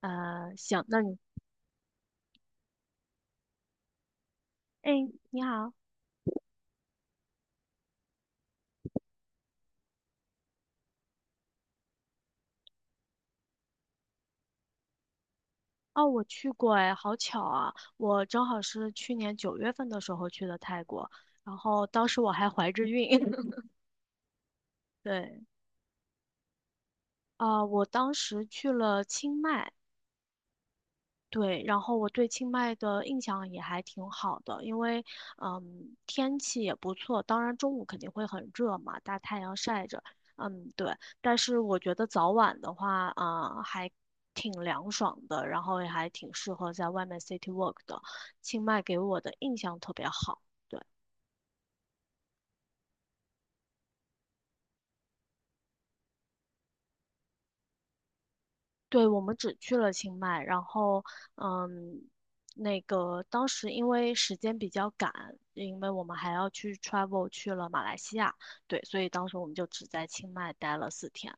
行，那你，哎，你好，哦，我去过，哎，好巧啊，我正好是去年9月份的时候去的泰国，然后当时我还怀着孕，对，我当时去了清迈，对，然后我对清迈的印象也还挺好的，因为天气也不错，当然中午肯定会很热嘛，大太阳晒着，嗯对，但是我觉得早晚的话还挺凉爽的，然后也还挺适合在外面 city walk 的，清迈给我的印象特别好。对。对，我们只去了清迈，然后，嗯，那个当时因为时间比较赶，因为我们还要去 travel 去了马来西亚，对，所以当时我们就只在清迈待了4天。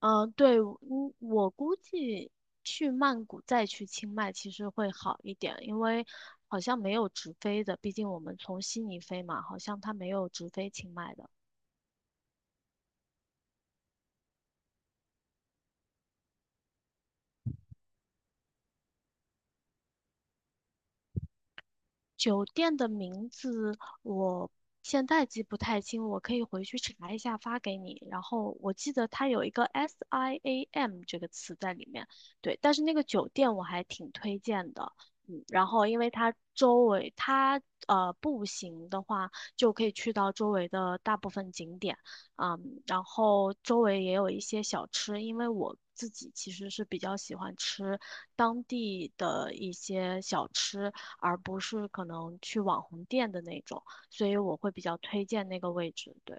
嗯，对，我估计去曼谷再去清迈其实会好一点，因为好像没有直飞的，毕竟我们从悉尼飞嘛，好像它没有直飞清迈的。酒店的名字我现在记不太清，我可以回去查一下发给你。然后我记得它有一个 SIAM 这个词在里面，对，但是那个酒店我还挺推荐的。嗯，然后因为它周围，它步行的话就可以去到周围的大部分景点，嗯，然后周围也有一些小吃，因为我自己其实是比较喜欢吃当地的一些小吃，而不是可能去网红店的那种，所以我会比较推荐那个位置。对，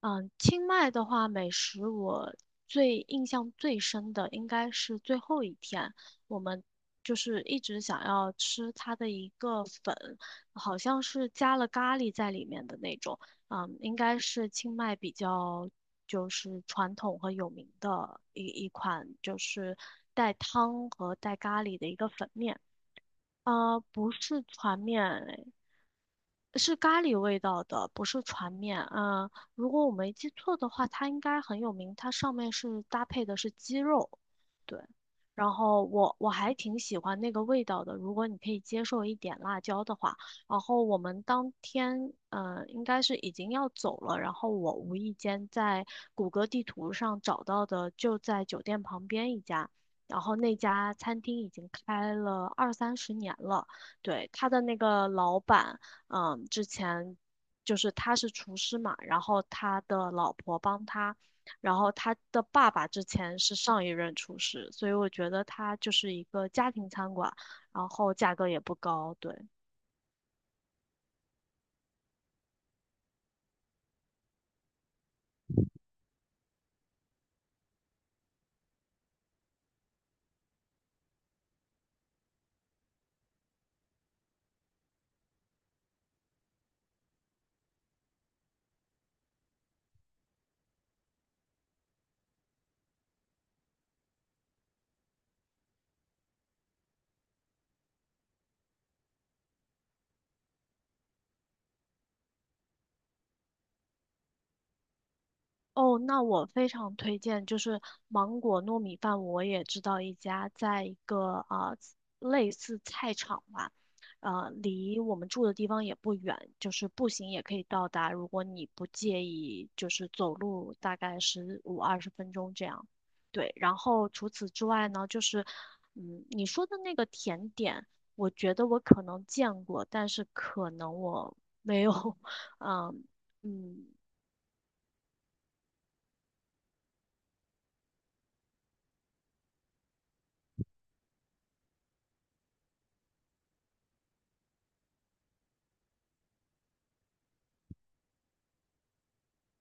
嗯，清迈的话，美食我最印象最深的应该是最后一天，我们就是一直想要吃它的一个粉，好像是加了咖喱在里面的那种，嗯，应该是清迈比较。就是传统和有名的一款，就是带汤和带咖喱的一个粉面。不是船面，哎，是咖喱味道的，不是船面。嗯，如果我没记错的话，它应该很有名。它上面是搭配的是鸡肉，对。然后我还挺喜欢那个味道的，如果你可以接受一点辣椒的话。然后我们当天，嗯，应该是已经要走了。然后我无意间在谷歌地图上找到的，就在酒店旁边一家。然后那家餐厅已经开了二三十年了，对，他的那个老板。嗯，之前就是他是厨师嘛，然后他的老婆帮他，然后他的爸爸之前是上一任厨师，所以我觉得他就是一个家庭餐馆，然后价格也不高，对。哦，那我非常推荐，就是芒果糯米饭，我也知道一家，在一个类似菜场吧，啊，离我们住的地方也不远，就是步行也可以到达。如果你不介意，就是走路大概十五二十分钟这样。对，然后除此之外呢，就是嗯，你说的那个甜点，我觉得我可能见过，但是可能我没有，嗯。嗯，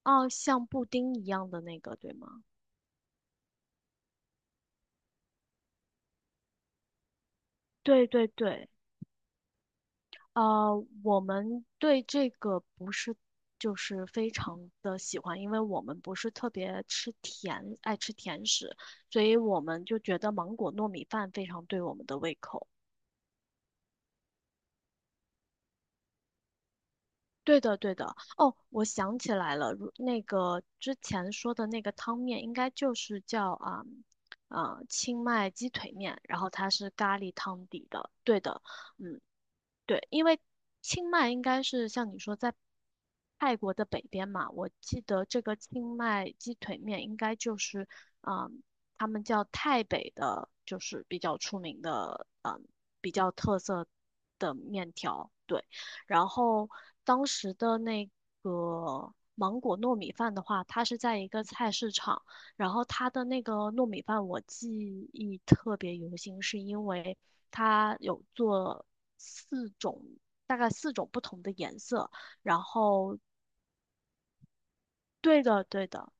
哦，像布丁一样的那个，对吗？对对对，我们对这个不是就是非常的喜欢，因为我们不是特别吃甜，爱吃甜食，所以我们就觉得芒果糯米饭非常对我们的胃口。对的，对的。哦，我想起来了，如那个之前说的那个汤面，应该就是叫清迈鸡腿面，然后它是咖喱汤底的。对的，嗯。对，因为清迈应该是像你说在泰国的北边嘛，我记得这个清迈鸡腿面应该就是，嗯，他们叫泰北的，就是比较出名的，嗯，比较特色。对，然后当时的那个芒果糯米饭的话，它是在一个菜市场，然后它的那个糯米饭我记忆特别犹新，是因为它有做四种，大概四种不同的颜色，然后对的对的，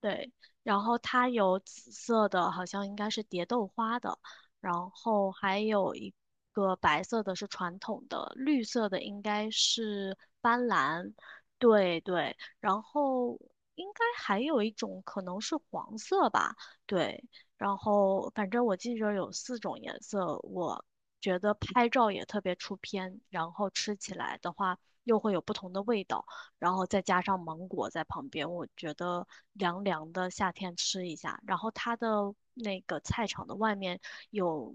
对，然后它有紫色的，好像应该是蝶豆花的，然后还有一个白色的是传统的，绿色的应该是斑斓，对对，然后应该还有一种可能是黄色吧，对，然后反正我记着有4种颜色，我觉得拍照也特别出片，然后吃起来的话又会有不同的味道。然后再加上芒果在旁边，我觉得凉凉的，夏天吃一下。然后它的那个菜场的外面有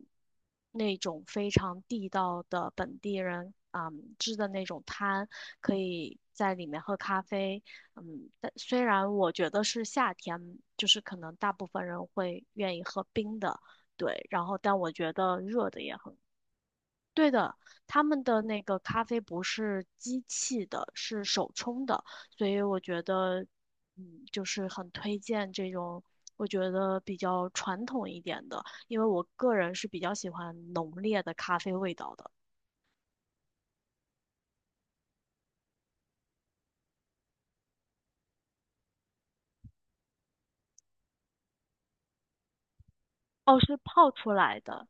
那种非常地道的本地人支的那种摊，可以在里面喝咖啡。嗯，但虽然我觉得是夏天，就是可能大部分人会愿意喝冰的，对。然后但我觉得热的也很。对的。他们的那个咖啡不是机器的，是手冲的，所以我觉得，嗯，就是很推荐这种我觉得比较传统一点的，因为我个人是比较喜欢浓烈的咖啡味道的。哦，是泡出来的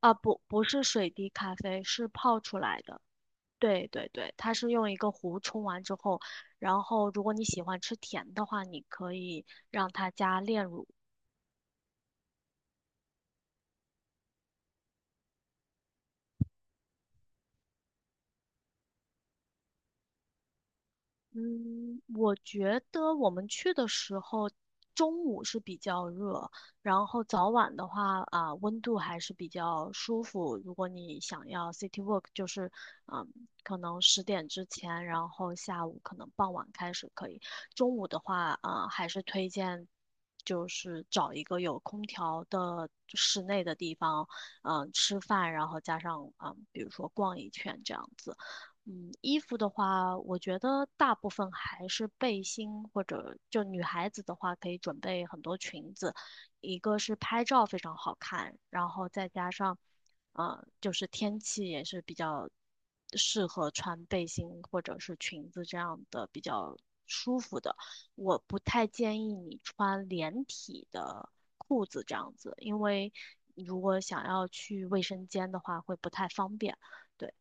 啊，不，不是水滴咖啡，是泡出来的。对对对，它是用一个壶冲完之后，然后如果你喜欢吃甜的话，你可以让它加炼乳。嗯，我觉得我们去的时候，中午是比较热，然后早晚的话啊，温度还是比较舒服。如果你想要 city walk,就是嗯，可能10点之前，然后下午可能傍晚开始可以。中午的话，啊，还是推荐就是找一个有空调的室内的地方，嗯，吃饭，然后加上嗯，比如说逛一圈这样子。嗯，衣服的话，我觉得大部分还是背心，或者就女孩子的话，可以准备很多裙子，一个是拍照非常好看，然后再加上，就是天气也是比较适合穿背心或者是裙子这样的比较舒服的。我不太建议你穿连体的裤子这样子，因为如果想要去卫生间的话，会不太方便。对，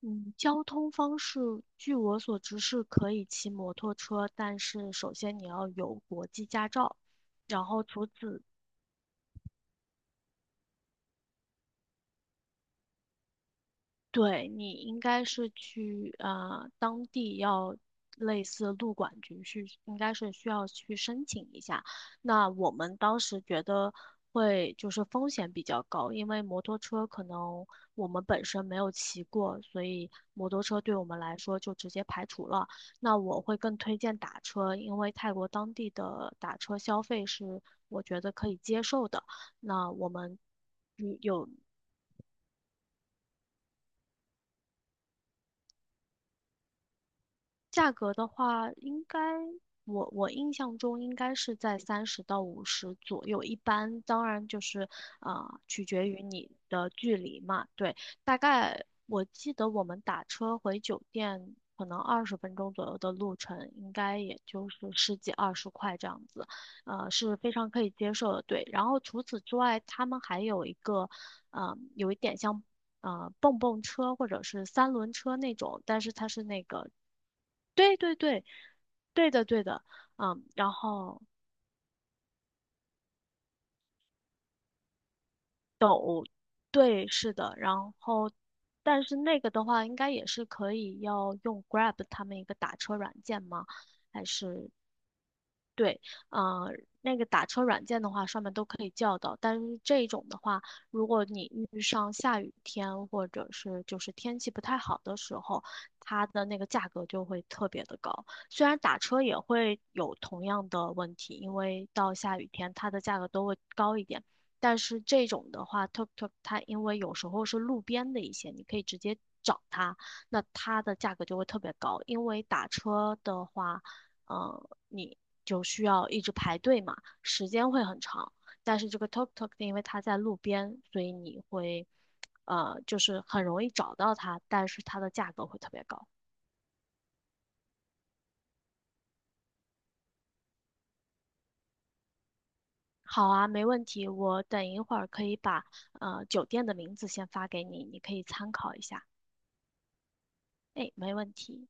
嗯，交通方式，据我所知是可以骑摩托车，但是首先你要有国际驾照，然后除此对，你应该是去啊，当地要类似路管局去，应该是需要去申请一下。那我们当时觉得会就是风险比较高，因为摩托车可能我们本身没有骑过，所以摩托车对我们来说就直接排除了。那我会更推荐打车，因为泰国当地的打车消费是我觉得可以接受的。那我们。有。价格的话，应该我印象中应该是在30到50左右，一般当然就是取决于你的距离嘛。对，大概我记得我们打车回酒店可能二十分钟左右的路程，应该也就是十几二十块这样子，是非常可以接受的。对，然后除此之外，他们还有一个，有一点像。蹦蹦车或者是三轮车那种，但是它是那个对对对，对的对的，嗯，然后对，是的，然后但是那个的话，应该也是可以要用 Grab 他们一个打车软件吗？对，呃，那个打车软件的话，上面都可以叫到。但是这种的话，如果你遇上下雨天或者是就是天气不太好的时候，它的那个价格就会特别的高。虽然打车也会有同样的问题，因为到下雨天它的价格都会高一点。但是这种的话，tuk tuk 它因为有时候是路边的一些，你可以直接找它，那它的价格就会特别高。因为打车的话，嗯你就需要一直排队嘛，时间会很长。但是这个 Tok Tok 因为它在路边，所以你会，就是很容易找到它，但是它的价格会特别高。好啊，没问题，我等一会儿可以把酒店的名字先发给你，你可以参考一下。哎，没问题。